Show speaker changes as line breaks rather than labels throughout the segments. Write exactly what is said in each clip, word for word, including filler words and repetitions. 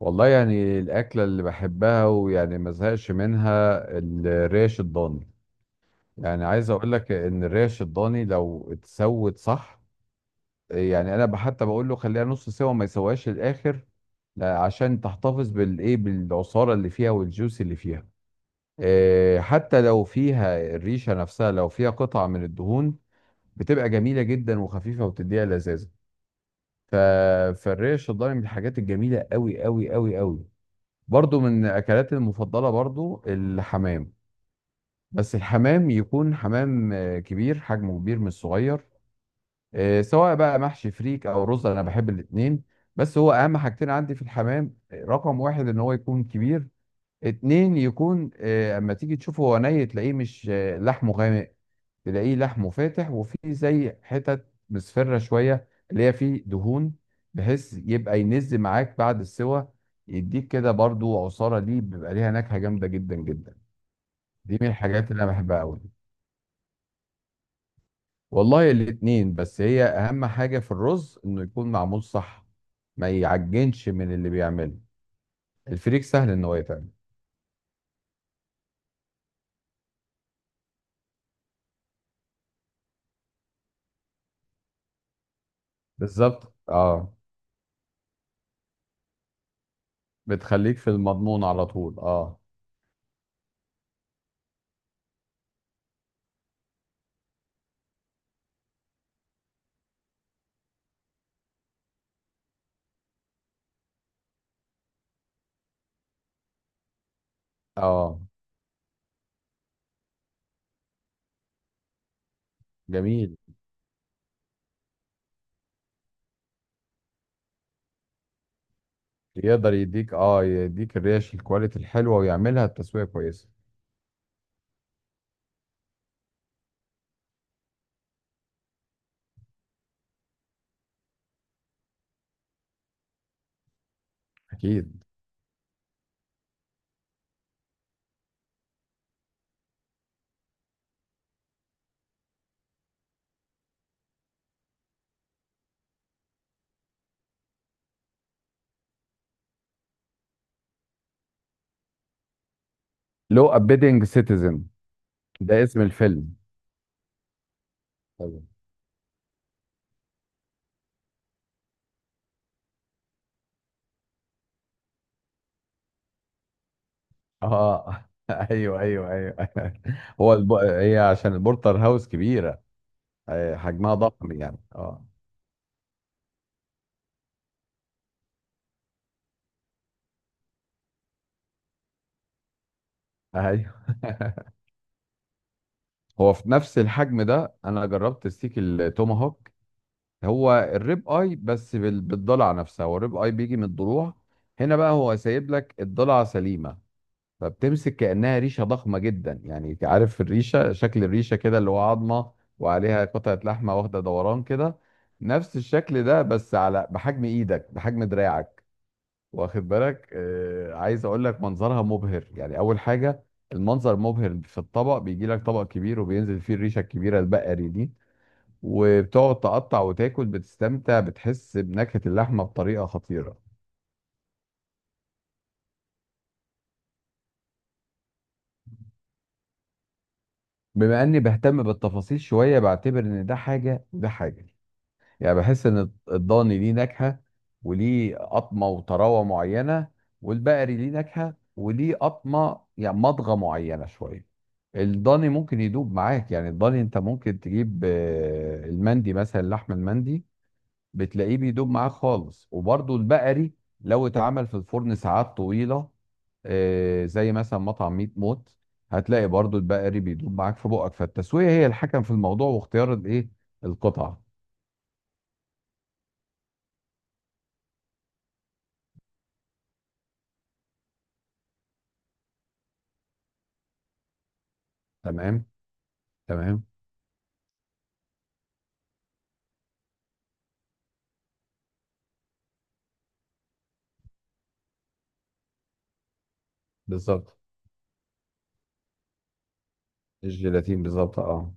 والله، يعني الأكلة اللي بحبها، ويعني ما زهقش منها الريش الضاني. يعني عايز أقول لك إن الريش الضاني لو اتسوت صح. يعني أنا حتى بقول له خليها نص سوا، ما يسواش للآخر. لا، عشان تحتفظ بالإيه، بالعصارة اللي فيها والجوس اللي فيها. إيه، حتى لو فيها الريشة نفسها، لو فيها قطع من الدهون بتبقى جميلة جدا وخفيفة وبتديها لذاذة. ف... فالريش الضاني من الحاجات الجميلة قوي قوي قوي قوي. برضو من اكلاتي المفضله، برضو الحمام. بس الحمام يكون حمام آه، كبير، حجمه كبير مش صغير. آه، سواء بقى محشي فريك او رز، انا بحب الاتنين. بس هو اهم حاجتين عندي في الحمام، آه، رقم واحد ان هو يكون كبير. اتنين، يكون آه، اما تيجي تشوفه هو ني تلاقيه مش آه، لحمه غامق، تلاقيه لحمه فاتح وفيه زي حتت مصفرة شوية اللي هي فيه دهون، بحيث يبقى ينز معاك بعد السوى، يديك كده برضو عصارة، دي بيبقى ليها نكهة جامدة جدا جدا. دي من الحاجات اللي أنا بحبها أوي. والله الاتنين، بس هي أهم حاجة في الرز إنه يكون معمول صح، ما يعجنش من اللي بيعمله. الفريك سهل إن هو يتعمل. بالظبط، اه. بتخليك في المضمون على طول، اه. اه. جميل. يقدر يديك اه يديك الريش الكواليتي الحلوه، ويعملها التسويق كويسه. اكيد. لو ابيدنج سيتيزن. ده اسم الفيلم. طيب. اه. ايوه ايوه ايوه. هو الب... هي عشان البورتر هاوس كبيره. آه، حجمها ضخم يعني، اه. ايوه. هو في نفس الحجم ده، انا جربت ستيك التوماهوك. هو الريب اي، بس بال- بالضلع نفسها. هو الريب اي بيجي من الضلوع هنا بقى، هو سايب لك الضلع سليمه، فبتمسك كأنها ريشة ضخمة جدا. يعني انت عارف الريشة، شكل الريشة كده اللي هو عظمة وعليها قطعة لحمة واخدة دوران كده. نفس الشكل ده، بس على بحجم ايدك، بحجم دراعك. واخد بالك، آه عايز اقول لك منظرها مبهر يعني. اول حاجة المنظر مبهر في الطبق، بيجي لك طبق كبير وبينزل فيه الريشة الكبيرة البقري دي، وبتقعد تقطع وتاكل، بتستمتع، بتحس بنكهة اللحمة بطريقة خطيرة. بما اني بهتم بالتفاصيل شوية، بعتبر ان ده حاجة وده حاجة. يعني بحس ان الضاني ليه نكهه وليه قطمه وطراوه معينه، والبقري ليه نكهه وليه قطمه، يعني مضغه معينه شويه. الضاني ممكن يدوب معاك، يعني الضاني انت ممكن تجيب آه، المندي مثلا، اللحم المندي بتلاقيه بيدوب معاك خالص. وبرضه البقري لو اتعمل في الفرن ساعات طويله، آه، زي مثلا مطعم ميت موت، هتلاقي برضه البقري بيدوب معاك في بقك. فالتسويه هي الحكم في الموضوع، واختيار الايه، القطعه. تمام. تمام. بالظبط. الجيلاتين بالظبط، اه.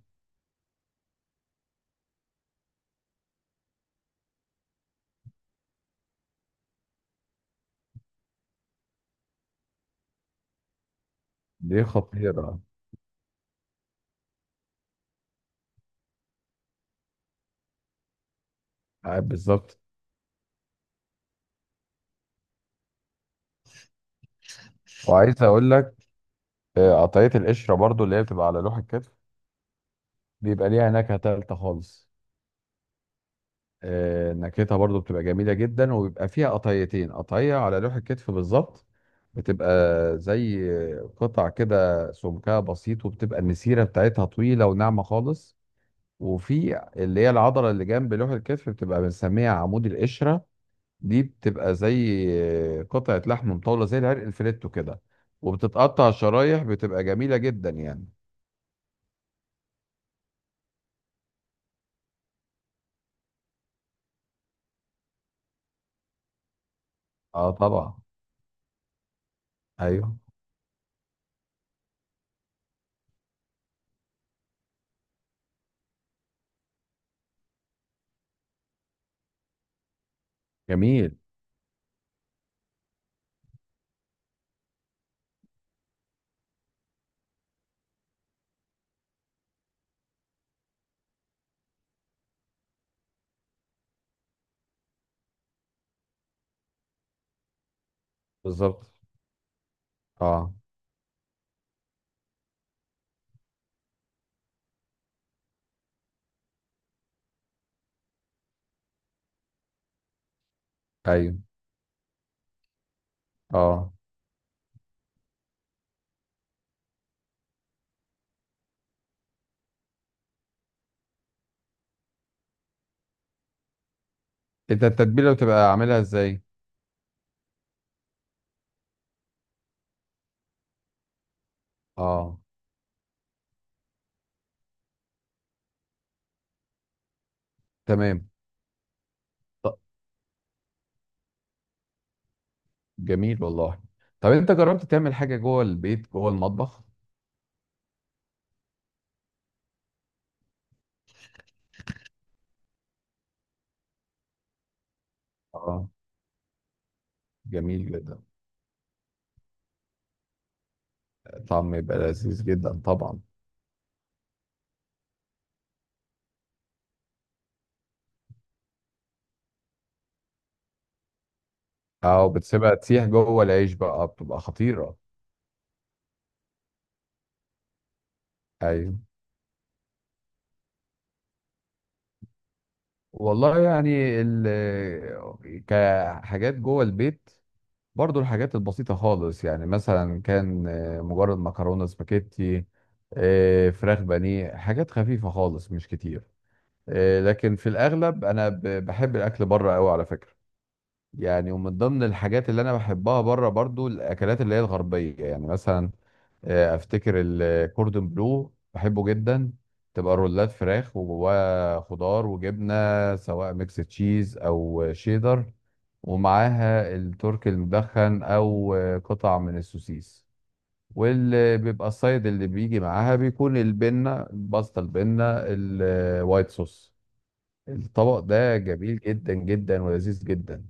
دي خطيرة. آه، بالظبط. وعايز اقول لك، آه، قطعية القشرة برضو، اللي هي بتبقى على لوح الكتف بيبقى ليها نكهة تالتة خالص. آه، نكهتها برضو بتبقى جميلة جدا، وبيبقى فيها قطعيتين، قطعية على لوح الكتف بالظبط، بتبقى زي قطع كده سمكها بسيط، وبتبقى المسيرة بتاعتها طويلة وناعمة خالص. وفي اللي هي العضلة اللي جنب لوح الكتف، بتبقى بنسميها عمود القشرة، دي بتبقى زي قطعة لحم مطولة، زي العرق الفليتو كده، وبتتقطع شرايح، بتبقى جميلة جدا يعني. اه، طبعا. ايوه. جميل. بالظبط، اه. ايوه، اه. انت التتبيلة بتبقى عاملها ازاي؟ اه. تمام. طب جميل والله. طب انت جربت تعمل حاجة جوه البيت، جوه المطبخ؟ اه. جميل جدا. طعم يبقى لذيذ جدا طبعا. اه، وبتسيبها تسيح جوه العيش بقى، بتبقى خطيرة. ايوه. والله يعني ال كحاجات جوه البيت، برضو الحاجات البسيطة خالص، يعني مثلا كان آه، مجرد مكرونة سباكيتي، آه، فراخ بانيه، حاجات خفيفة خالص مش كتير. آه، لكن في الأغلب أنا ب- بحب الأكل بره أوي على فكرة. يعني ومن ضمن الحاجات اللي أنا بحبها بره برضو الأكلات اللي هي الغربية، يعني مثلا آه، افتكر الكوردون بلو بحبه جدا. تبقى رولات فراخ، وجواها خضار وجبنه، سواء ميكس تشيز او شيدر، ومعاها الترك المدخن او آه، قطع من السوسيس. واللي بيبقى السايد اللي بيجي معاها بيكون البنه الباستا، البنه الوايت صوص. الطبق ده جميل جدا جدا ولذيذ جدا.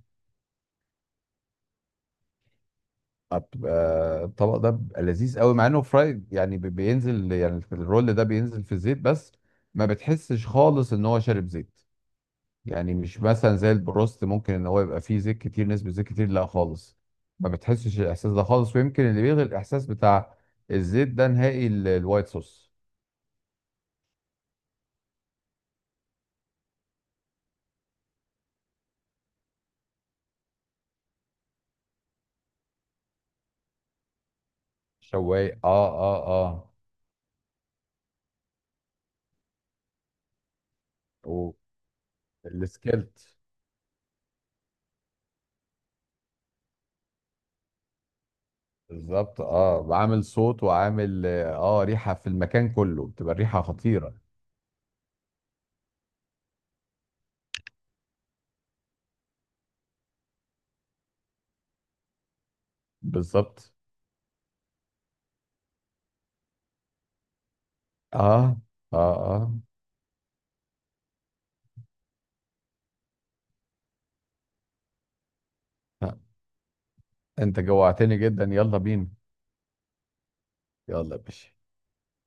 بيبقى الطبق ده بيبقى لذيذ قوي، مع انه فرايد يعني، بي- بينزل يعني في الرول، ده بينزل في الزيت، بس ما بتحسش خالص ان هو شارب زيت. يعني مش مثلا زي البروست ممكن ان هو يبقى فيه زيت كتير، نسبة زيت كتير، لا خالص، ما بتحسش الاحساس ده خالص. ويمكن اللي بيلغي الاحساس بتاع الزيت ده نهائي، ال- الوايت صوص. شوايه، اه اه اه. والسكيلت. بالظبط، اه. وعامل صوت، وعامل اه ريحة في المكان كله، بتبقى الريحة خطيرة. بالظبط، اه اه اه. آه. انت جوعتني جدا، يلا بينا. يلا يا باشا.